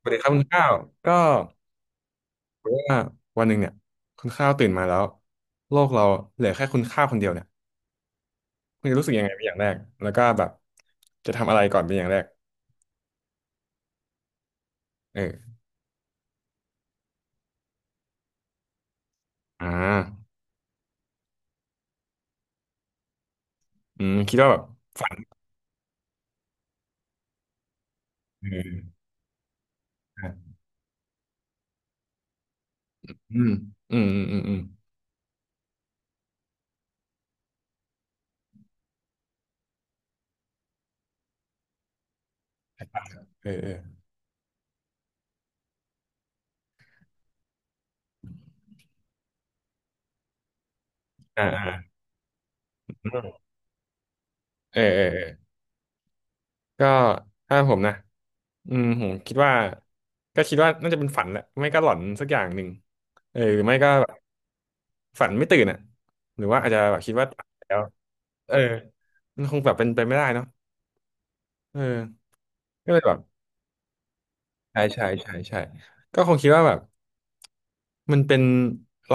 สวัสดีครับคุณข้าวก็ว่าวันหนึ่งเนี่ยคุณข้าวตื่นมาแล้วโลกเราเหลือแค่คุณข้าวคนเดียวเนี่ยคุณจะรู้สึกยังไงเป็นอย่างแรกแล้วก็แบบจะทำอะไรก่อนเป็นอย่างแรกเอออ่าอืมคิดว่าแบบฝันเอออ่ะอืมอืมอืมอืมอืมเออเอออ่าอ่าอืมเออเออเออก็ถ้าผมนะอืมผมคิดว่าก็คิดว่าน่าจะเป็นฝันแหละไม่ก็หลอนสักอย่างหนึ่งเออหรือไม่ก็แบบฝันไม่ตื่นอ่ะหรือว่าอาจจะแบบคิดว่า เออมันคงแบบเป็นไปไม่ได้เนาะเออก็เลยแบบใช่ใช่ใช่ใช่ก็คงคิดว่าแบบมันเป็น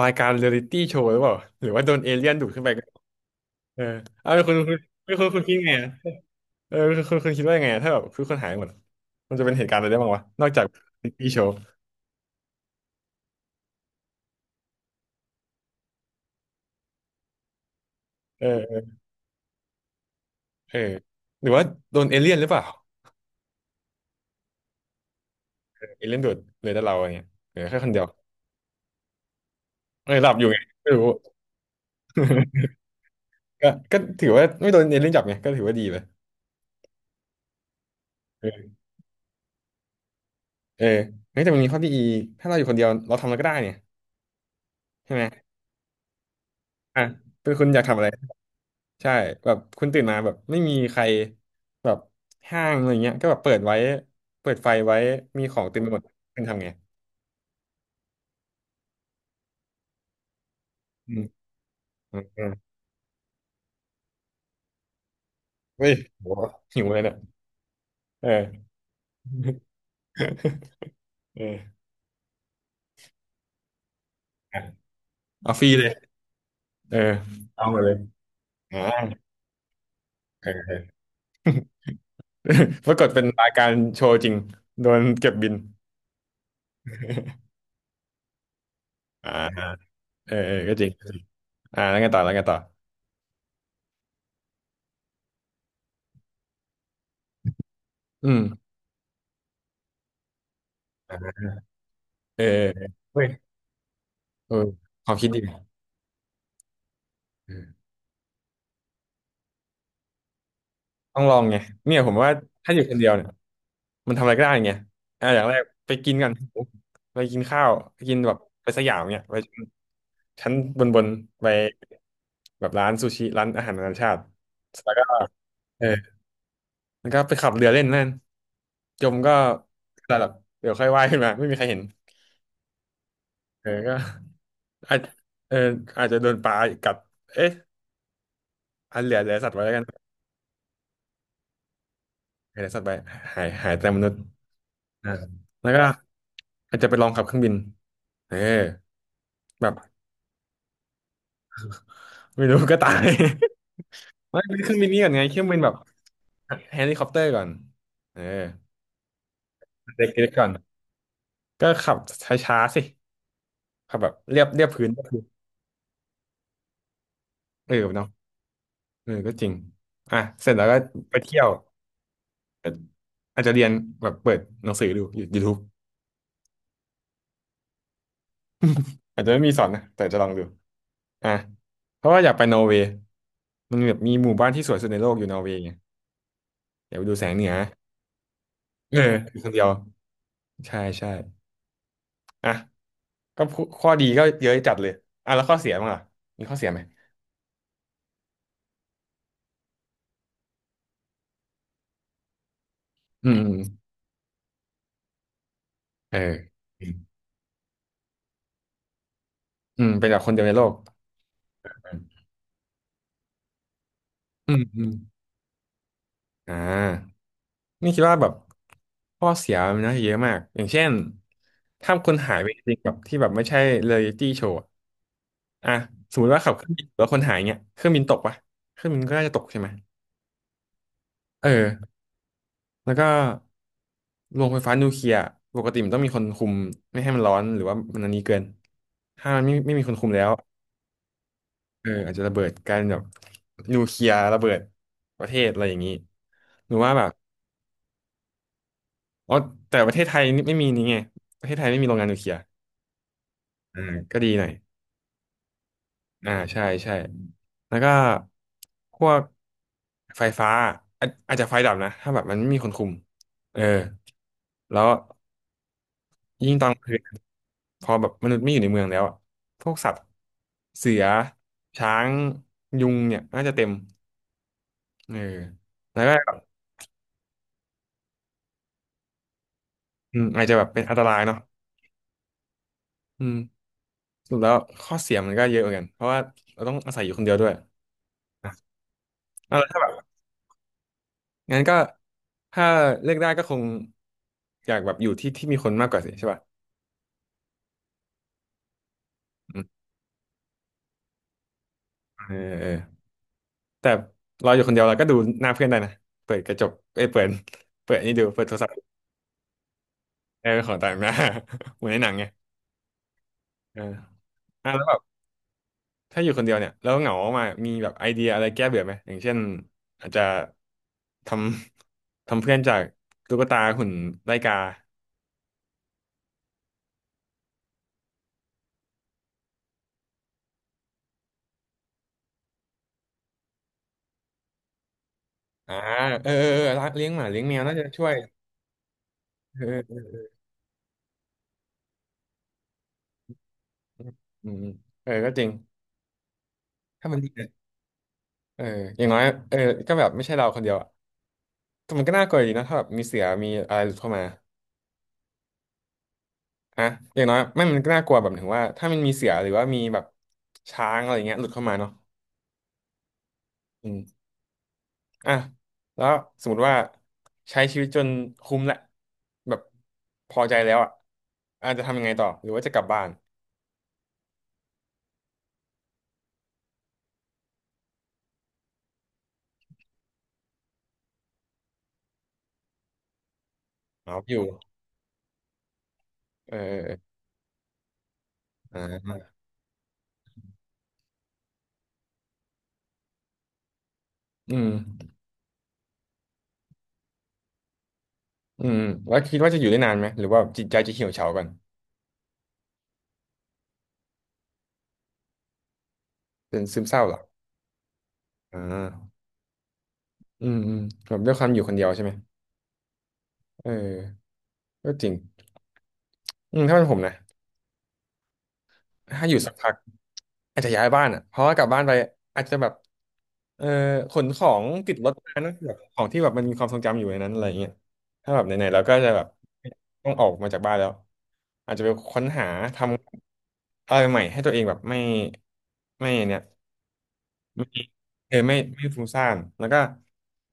รายการเรียลิตี้โชว์หรือเปล่าหรือว่าโดนเอเลี่ยนดูดขึ้นไปก็เออเอาคุณคุณคิดไงอะเออคุณคิดว่ายังไงอะถ้าแบบคือคนหายหมดอะมันจะเป็นเหตุการณ์อะไรได้บ้างวะนอกจากเรียลิตี้โชว์เออเออเออหรือว่าโดนเอเลี่ยนหรือเปล่าเอเลี่ยนดูดเลยแต่เราอะไรเงี้ยเหลือแค่คนเดียวเออหลับอยู่ไงไม่รู้ ก็ถือว่าไม่โดนเอเลี่ยนจับไงก็ถือว่าดีไป เออ้แต่มันมีข้อดีอีกถ้าเราอยู่คนเดียวเราทำอะไรก็ได้เนี่ยใช่ไหมอ่ะเป็นคุณอยากทำอะไร ใช่แบบคุณตื่นมาแบบไม่มีใครแบบห้างอะไรเงี้ยก็แบบเปิดไว้ เปิดไฟไว้ มีของเต็มไปหมดคุณทำไงอืมอืมอืมเฮ้ยโหหิวเลยเนี่ยเออ เอออ่ะเอาฟรีเลย เออเอามาเลยอ่าเออ เออปรากฏเป็นรายการโชว์จริงโดนเก็บบิน อ่าเออเออก็จริงอ่าแล้วไงต่อแล้วไงต่ออืม เออเฮ้ยเออความคิดดีเออต้องลองไงเนี่ยผมว่าถ้าอยู่คนเดียวเนี่ยมันทำอะไรก็ได้ไงอ่ะอย่างแรกไปกินกัน ไปกินข้าวไปกินแบบไปสยามเนี่ยไปชั้นบนบนไปแบบร้านซูชิ ร้านอาหารนานาชาติแล้วก็เออแล้วก็ไปขับเรือเล่นนั่นจมก็แต่แบบเดี๋ยวค่อยว่ายขึ้นมา ไม่มีใครเห็นเออก็อาจเอออาจจะโดนปลากัดเอ๊ะอันเหลือเหลือสัตว์ไว้แล้วกันเหลือสัตว์ไว้หายหายแต่มนุษย์ อ่าแล้วก็อาจจะไปลองขับเครื่องบินเออแบบไม่รู้ก็ตาย ไม่เครื่องบินนี่ก่อนไงเครื่องบินแบบเฮลิคอปเตอร์ก่อนเออเด็กๆก่อนก็ขับช้าๆสิขับแบบเรียบเรียบพื้นก็คือเออเนาะเออก็จริงอ่ะเสร็จแล้วก็ไปเที่ยวอาจอาจจะเรียนแบบเปิดหนังสือดูยูทูบอาจจะไม่มีสอนนะแต่จะลองดูอ่ะเพราะว่าอยากไปนอร์เวย์มันแบบมีหมู่บ้านที่สวยสุดในโลกอยู่นอร์เวย์ไงอยากไปดูแสงเหนือเอออยู่คนเดียว ใช่ใช่อ่ะก็พูข้อดีก็เยอะจัดเลยอ่ะแล้วข้อเสียมั้างอ่ะ มีข้อเสียไหมอืมอืมเออเป็นแบบคนเดียวในโลกอืมอืมอ่านี่คิดว่าแบบข้อเสียมันนาจะเยอะมากอย่างเช่นถ้าคนหายไปจริงๆแบบที่แบบไม่ใช่เร a ยลิตี้โชว์อ่ะสมมติว่าขับเครื่องบินแล้วคนหายเงี้ยเครื่องบินตกปะเครื่องบินก็น่าจะตกใช่ไหมเออ แล้วก็โรงไฟฟ้านิวเคลียร์ปกติมันต้องมีคนคุมไม่ให้มันร้อนหรือว่ามันอันนี้เกินถ้ามันไม่มีคนคุมแล้วเอออาจจะระเบิดกลายเป็นแบบนิวเคลียร์ระเบิดประเทศอะไรอย่างนี้หรือว่าแบบอ๋อแต่ประเทศไทยนี่ไม่มีนี่ไงประเทศไทยไม่มีโรงงานนิวเคลียร์อ่าก็ดีหน่อยอ่าใช่ใช่แล้วก็พวกไฟฟ้าอาจจะไฟดับนะถ้าแบบมันไม่มีคนคุมเออแล้ว ยิ่งตอนกลางคืนพอแบบมนุษย์ไม่อยู่ในเมืองแล้วอะพวกสัตว์เสือช้างยุงเนี่ยน่าจะเต็มเออแล้วก็แบบอืมอาจจะแบบเป็นอันตรายเนาะอืมสรุดแล้วข้อเสียมันก็เยอะเหมือนกันเพราะว่าเราต้องอาศัยอยู่คนเดียวด้วยอ่ะเอาละถ้าแบบงั้นก็ถ้าเลือกได้ก็คงอยากแบบอยู่ที่ที่มีคนมากกว่าสิใช่ป่ะอืมเออเออแต่เราอยู่คนเดียวเราก็ดูหน้าเพื่อนได้นะเปิดกระจกเอ้ยเปิดเปิดนี่ดูเปิดโทรศัพท์เออของต่างหน้า เหมือนในหนังไง เอออ่ะแล้วแบบถ้าอยู่คนเดียวเนี่ยแล้วเหงามากๆมีแบบไอเดียอะไรแก้เบื่อไหมอย่างเช่นอาจจะทำ ทำเพื่อนจากตุ๊กตาหุ่นไล่กาอ่าเออเออเออเลี้ยงหมาเลี้ยงแมวน่าจะช่วยเออเอออืมเออก็จริงถ้ามันดีนะเอออย่างน้อยเออก็แบบไม่ใช่เราคนเดียวอ่ะแต่มันก็น่ากลัวอยู่ดีนะถ้าแบบมีเสือมีอะไรหลุดเข้ามาฮะอย่างน้อยไม่มันก็น่ากลัวแบบถึงว่าถ้ามันมีเสือหรือว่ามีแบบช้างอะไรเงี้ยหลุดเข้ามาเนาะ อ่ะแล้วสมมติว่าใช้ชีวิตจนคุ้มแหละแบบพอใจแล้วอ่ะอาจจะทำยังไงต่อหรือว่าจะกลับบ้านเอาอยู่เออเออเอออืมอืมแล้วคิดว่าจะอยู่ได้นานไหมหรือว่าจิตใจจะเหี่ยวเฉาก่อนเป็นซึมเศร้าเหรออ่าอืมแบบด้วยความอยู่คนเดียวใช่ไหมเออก็จริงอืมถ้าเป็นผมนะ ถ้าอยู่สักพักอาจจะย้ายบ้านอ่ะเพราะว่ากลับบ้านไปอาจจะแบบเออขนของติดรถมานะแบบของที่แบบมันมีความทรงจำอยู่ในนั้นอะไรเงี้ยถ้าแบบไหนๆเราก็จะแบบต้องออกมาจากบ้านแล้วอาจจะไปค้นหาทำอะไรใหม่ให้ตัวเองแบบไม่ไม่เนี่ยไม่เออไม่ฟุ้งซ่านแล้วก็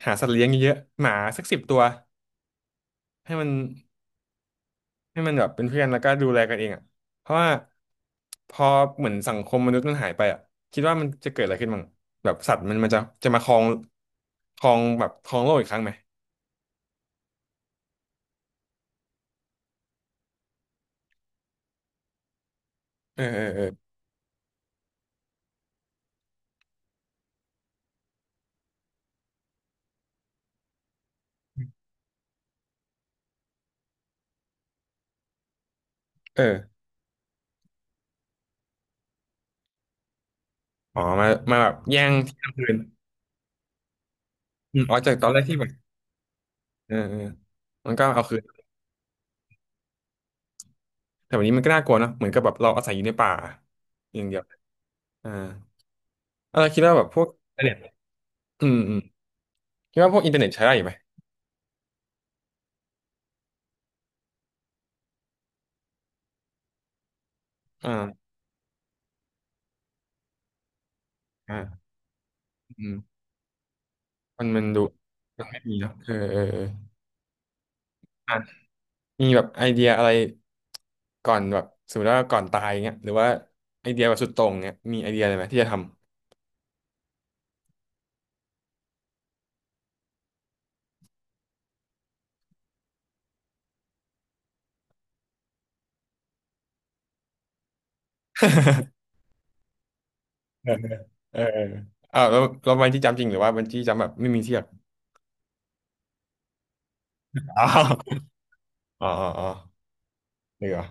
หาสัตว์เลี้ยงเยอะๆหมาสัก10 ตัวให้มัน ให้มันแบบเป็นเพื่อนแล้วก็ดูแลกันเองอ่ะเพราะว่าพอเหมือนสังคมมนุษย์มันหายไปอ่ะคิดว่ามันจะเกิดอะไรขึ้นบ้างแบบสัตว์มันจะมาครองแบบครองโลกอีกครั้งไหมเออเออเออเอออ๋อมามาแบบแย่งที่ทำคืนอืมอ๋อจากตอนแรกที่แบบเออเออมันก็เอาคืนแต่วันนี้มันก็น่ากลัวเนอะเหมือนกับแบบเราอาศัยอยู่ในป่าอย่างเดียวอ่าเออคิดว่าแบบพวกอินเทอร์เน็ตอืมคิดว่าพวกอินเทอร์เน็ตใช้ได้อยู่ไหมอ่าอ่าอืมมันดูไม่มีเนาะเออเออเออ มีแบบไอเดียอะไรก่อนแบบสมมติว่าก่อนตายเงี้ยหรือว่าไอเดียแบบสุดโต่งเงี้ยมีไอเดียอะไรไหมที่จะทำ เออเอออ้าวแล้วเราบันจี้จัมป์จริงหรือว่าบันจี้จัมป์แบบไม่มีเทียบอ๋ออ๋ออ๋อเดี๋ยว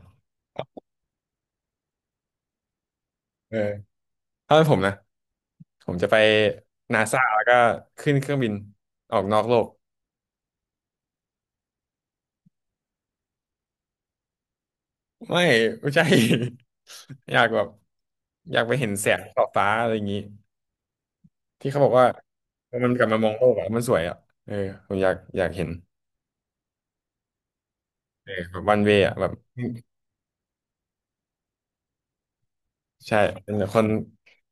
เออถ้าเป็นผมนะผมจะไปนาซาแล้วก็ขึ้นเครื่องบินออกนอกโลกไม่ไม่ใช่ อยากแบบอยากไปเห็นแสงขอบฟ้าอะไรอย่างนี้ที่เขาบอกว่ามันกลับมามองโลกอะมันสวยอะเออผมอยากเห็น เออแบบวันเวอ่ะแบบใช่เป็นแบบคน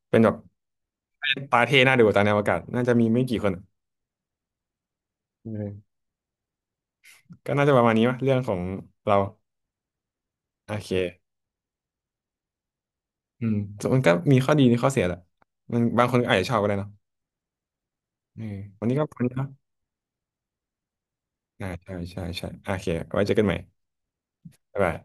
เป็นแบบตาเท่น่าดูตาในอวกาศน่าจะมีไม่กี่คนอะเออก็น่าจะประมาณนี้วะเรื่องของเราโอเคอืมส่วนมันก็มีข้อดีมีข้อเสียแหละมันบางคนก็อาจจะชอบก็ได้เนาะเออวันนี้ก็ปรนี้เนาะอ่าใช่ใช่ใช่โอเคไว้เจอกันใหม่บ๊ายบาย